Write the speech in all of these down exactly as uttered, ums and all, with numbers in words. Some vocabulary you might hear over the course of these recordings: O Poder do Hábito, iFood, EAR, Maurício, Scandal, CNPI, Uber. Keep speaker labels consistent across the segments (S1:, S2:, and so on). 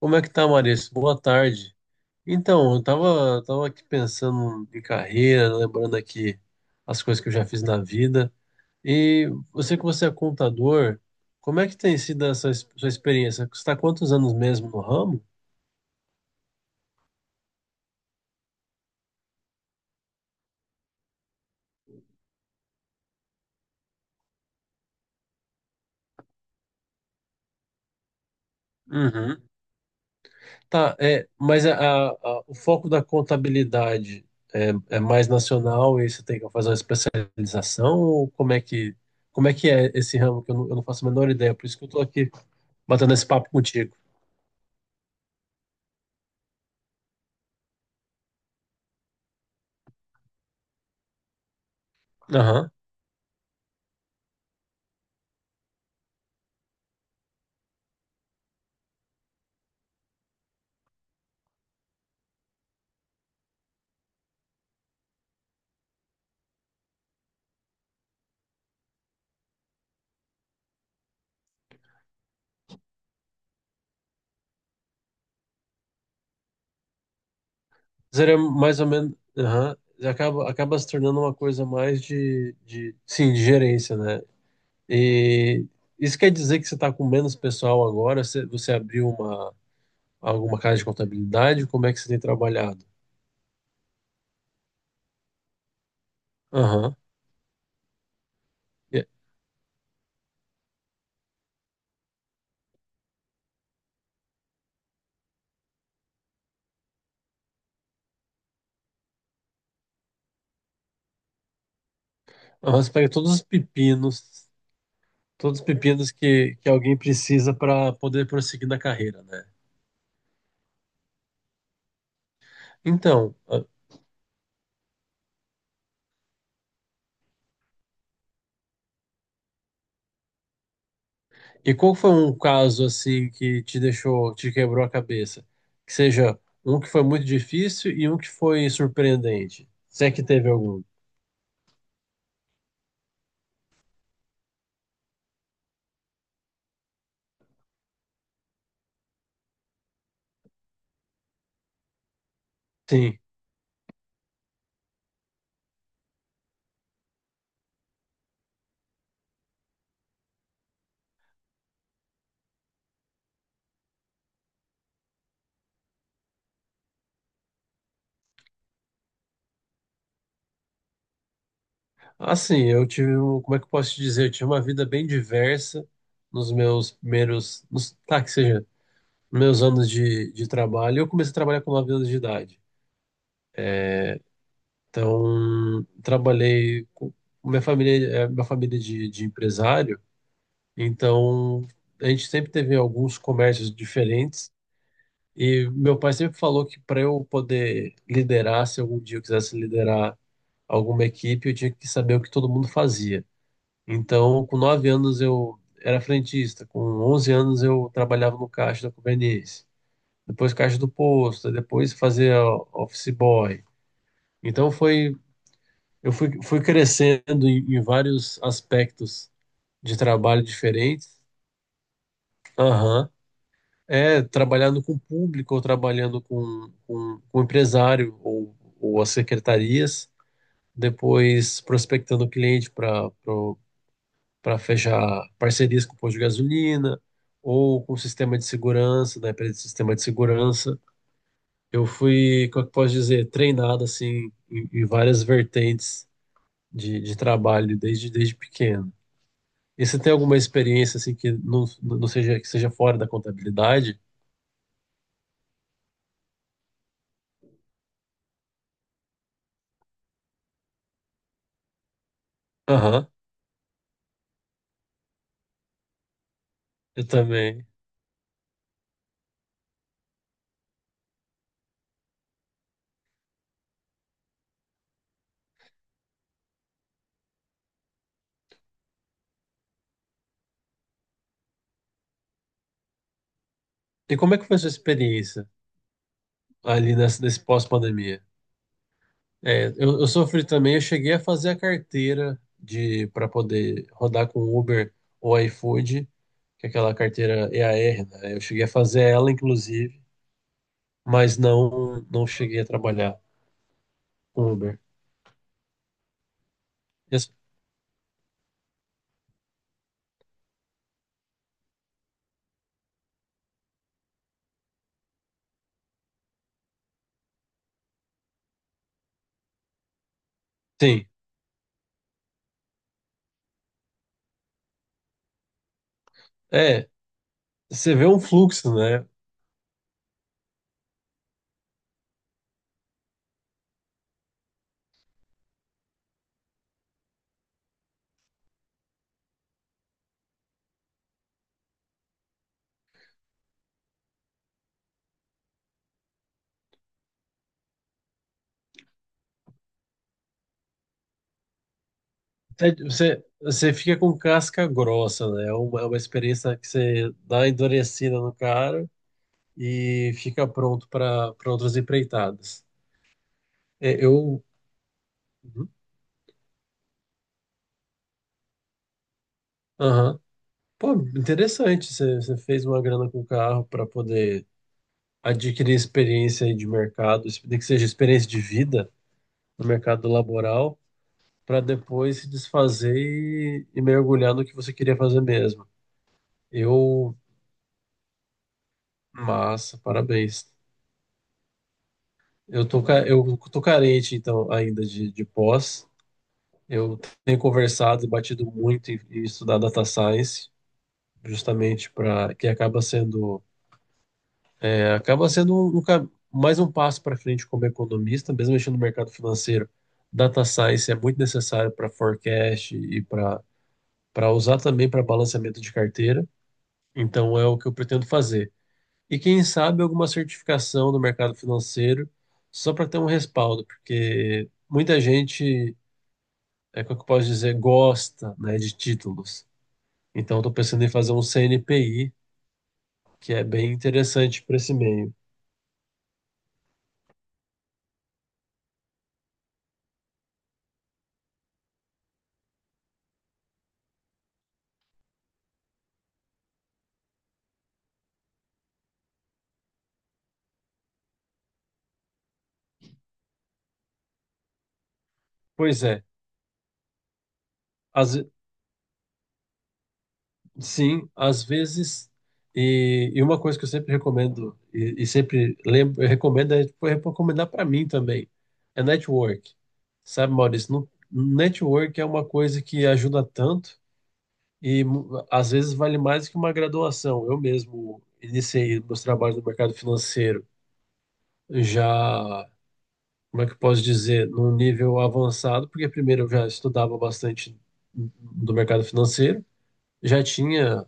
S1: Como é que tá, Maurício? Boa tarde. Então, eu tava, tava aqui pensando em carreira, lembrando aqui as coisas que eu já fiz na vida. E você que você é contador, como é que tem sido essa es- sua experiência? Você está quantos anos mesmo no ramo? Uhum. Tá, é, mas a, a- a- o foco da contabilidade é, é mais nacional e você tem que fazer uma especialização? Ou como é que, como é que é esse ramo que eu não, eu não faço a menor ideia? Por isso que eu tô aqui batendo esse papo contigo. Mas seria mais ou menos, aham, acaba, acaba se tornando uma coisa mais de, de, sim, de gerência, né? E isso quer dizer que você está com menos pessoal agora? Você, você abriu uma, alguma casa de contabilidade? Como é que você tem trabalhado? Aham. E- aham, você pega todos os pepinos, todos os pepinos que, que alguém precisa para poder prosseguir na carreira, né? Então, e qual foi um caso assim que te deixou, te quebrou a cabeça? Que seja um que foi muito difícil e um que foi surpreendente. Se é que teve algum. Sim. Assim, eu tive, um, como é que eu posso te dizer? Eu tive uma vida bem diversa nos meus primeiros, nos, tá, que seja, meus anos de, de trabalho. Eu comecei a trabalhar com nove anos de idade. Então, trabalhei com minha família, é uma família de, de empresário. Então, a gente sempre teve alguns comércios diferentes. E meu pai sempre falou que para eu poder liderar, se algum dia eu quisesse liderar alguma equipe, eu tinha que saber o que todo mundo fazia. Então, com nove anos eu era frentista, com onze anos eu trabalhava no caixa da conveniência, depois caixa do posto, depois fazia office boy. Então foi, eu fui, fui crescendo em, em vários aspectos de trabalho diferentes. Aham. É, trabalhando com o público ou trabalhando com, com, com o empresário ou, ou as secretarias, depois prospectando o cliente para para fechar parcerias com o posto de gasolina ou com o sistema de segurança, da empresa de sistema de segurança. Eu fui, como é que eu posso dizer, treinado assim em, em várias vertentes de, de trabalho desde, desde pequeno. E você tem alguma experiência assim que não, não seja, que seja fora da contabilidade? Aham, eu também. E como é que foi a sua experiência ali nessa, nesse pós-pandemia? É, eu, eu sofri também, eu cheguei a fazer a carteira de para poder rodar com Uber ou iFood, que é aquela carteira E EAR, né? Eu cheguei a fazer ela, inclusive, mas não não cheguei a trabalhar com Uber. E as- Sim, é, você vê um fluxo, né? Até de- Você, você fica com casca grossa, né? É uma, é uma experiência que você dá uma endurecida no cara, e fica pronto para para outras empreitadas. É, eu. Uhum. Aham. Pô, interessante. Você você fez uma grana com o carro para poder adquirir experiência aí de mercado, nem que seja experiência de vida no mercado laboral, para depois se desfazer e, e mergulhar no que você queria fazer mesmo. Eu. Massa, parabéns. Eu tô, ca- eu tô carente, então, ainda de, de pós. Eu tenho conversado e batido muito em, em estudar data science, justamente para que acaba sendo é, acaba sendo um- um ca- mais um passo para frente como economista, mesmo mexendo no mercado financeiro. Data science é muito necessário para forecast e para para usar também para balanceamento de carteira. Então é o que eu pretendo fazer. E quem sabe alguma certificação no mercado financeiro só para ter um respaldo, porque muita gente, é como é que eu posso dizer, gosta, né, de títulos. Então estou pensando em fazer um C N P I, que é bem interessante para esse meio. Pois é, às, ve- sim, às vezes, e, e uma coisa que eu sempre recomendo, e, e sempre lembro, eu recomendo, é, foi recomendar para mim também, é network. Sabe, Maurício, no, network é uma coisa que ajuda tanto e mu- às vezes vale mais que uma graduação. Eu mesmo iniciei meus trabalhos no mercado financeiro já, como é que eu posso dizer, num nível avançado, porque primeiro eu já estudava bastante do mercado financeiro, já tinha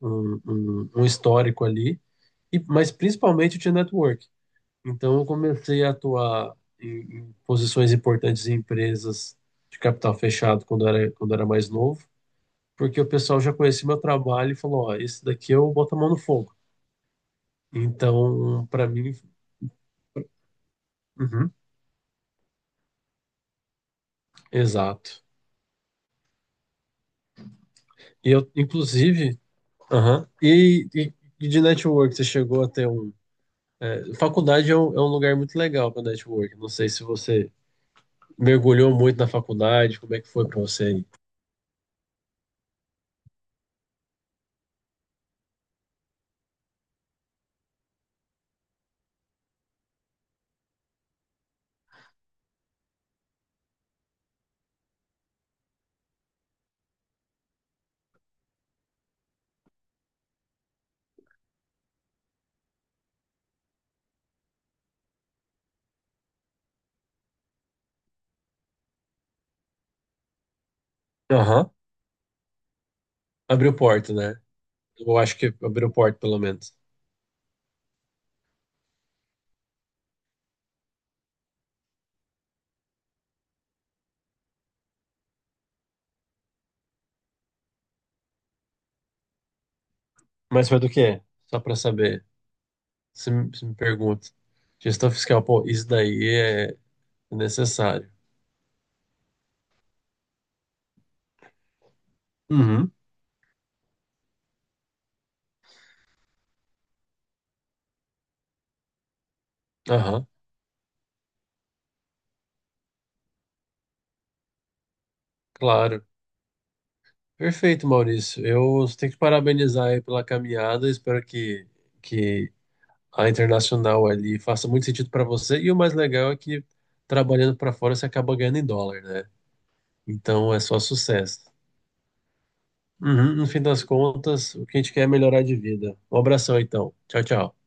S1: um, um, um histórico ali, e, mas principalmente eu tinha network. Então eu comecei a atuar em, em posições importantes em empresas de capital fechado quando era, quando era mais novo, porque o pessoal já conhecia meu trabalho e falou, ó, esse daqui eu boto a mão no fogo. Então, para mim, uhum, exato. E eu, inclusive, aham, e, e, e de network, você chegou até um. É, faculdade é um, é um lugar muito legal para network. Não sei se você mergulhou muito na faculdade? Como é que foi pra você aí? Aham. Abriu porta, né? Eu acho que abriu porta, pelo menos. Mas foi do quê? Só pra saber. Se me, se me pergunta. Gestão fiscal, pô, isso daí é necessário. Uhum. Aham, claro. Perfeito, Maurício. Eu tenho que parabenizar aí pela caminhada. Espero que, que a internacional ali faça muito sentido para você. E o mais legal é que trabalhando para fora você acaba ganhando em dólar, né? Então é só sucesso. Uhum, no fim das contas, o que a gente quer é melhorar de vida. Um abração, então. Tchau, tchau.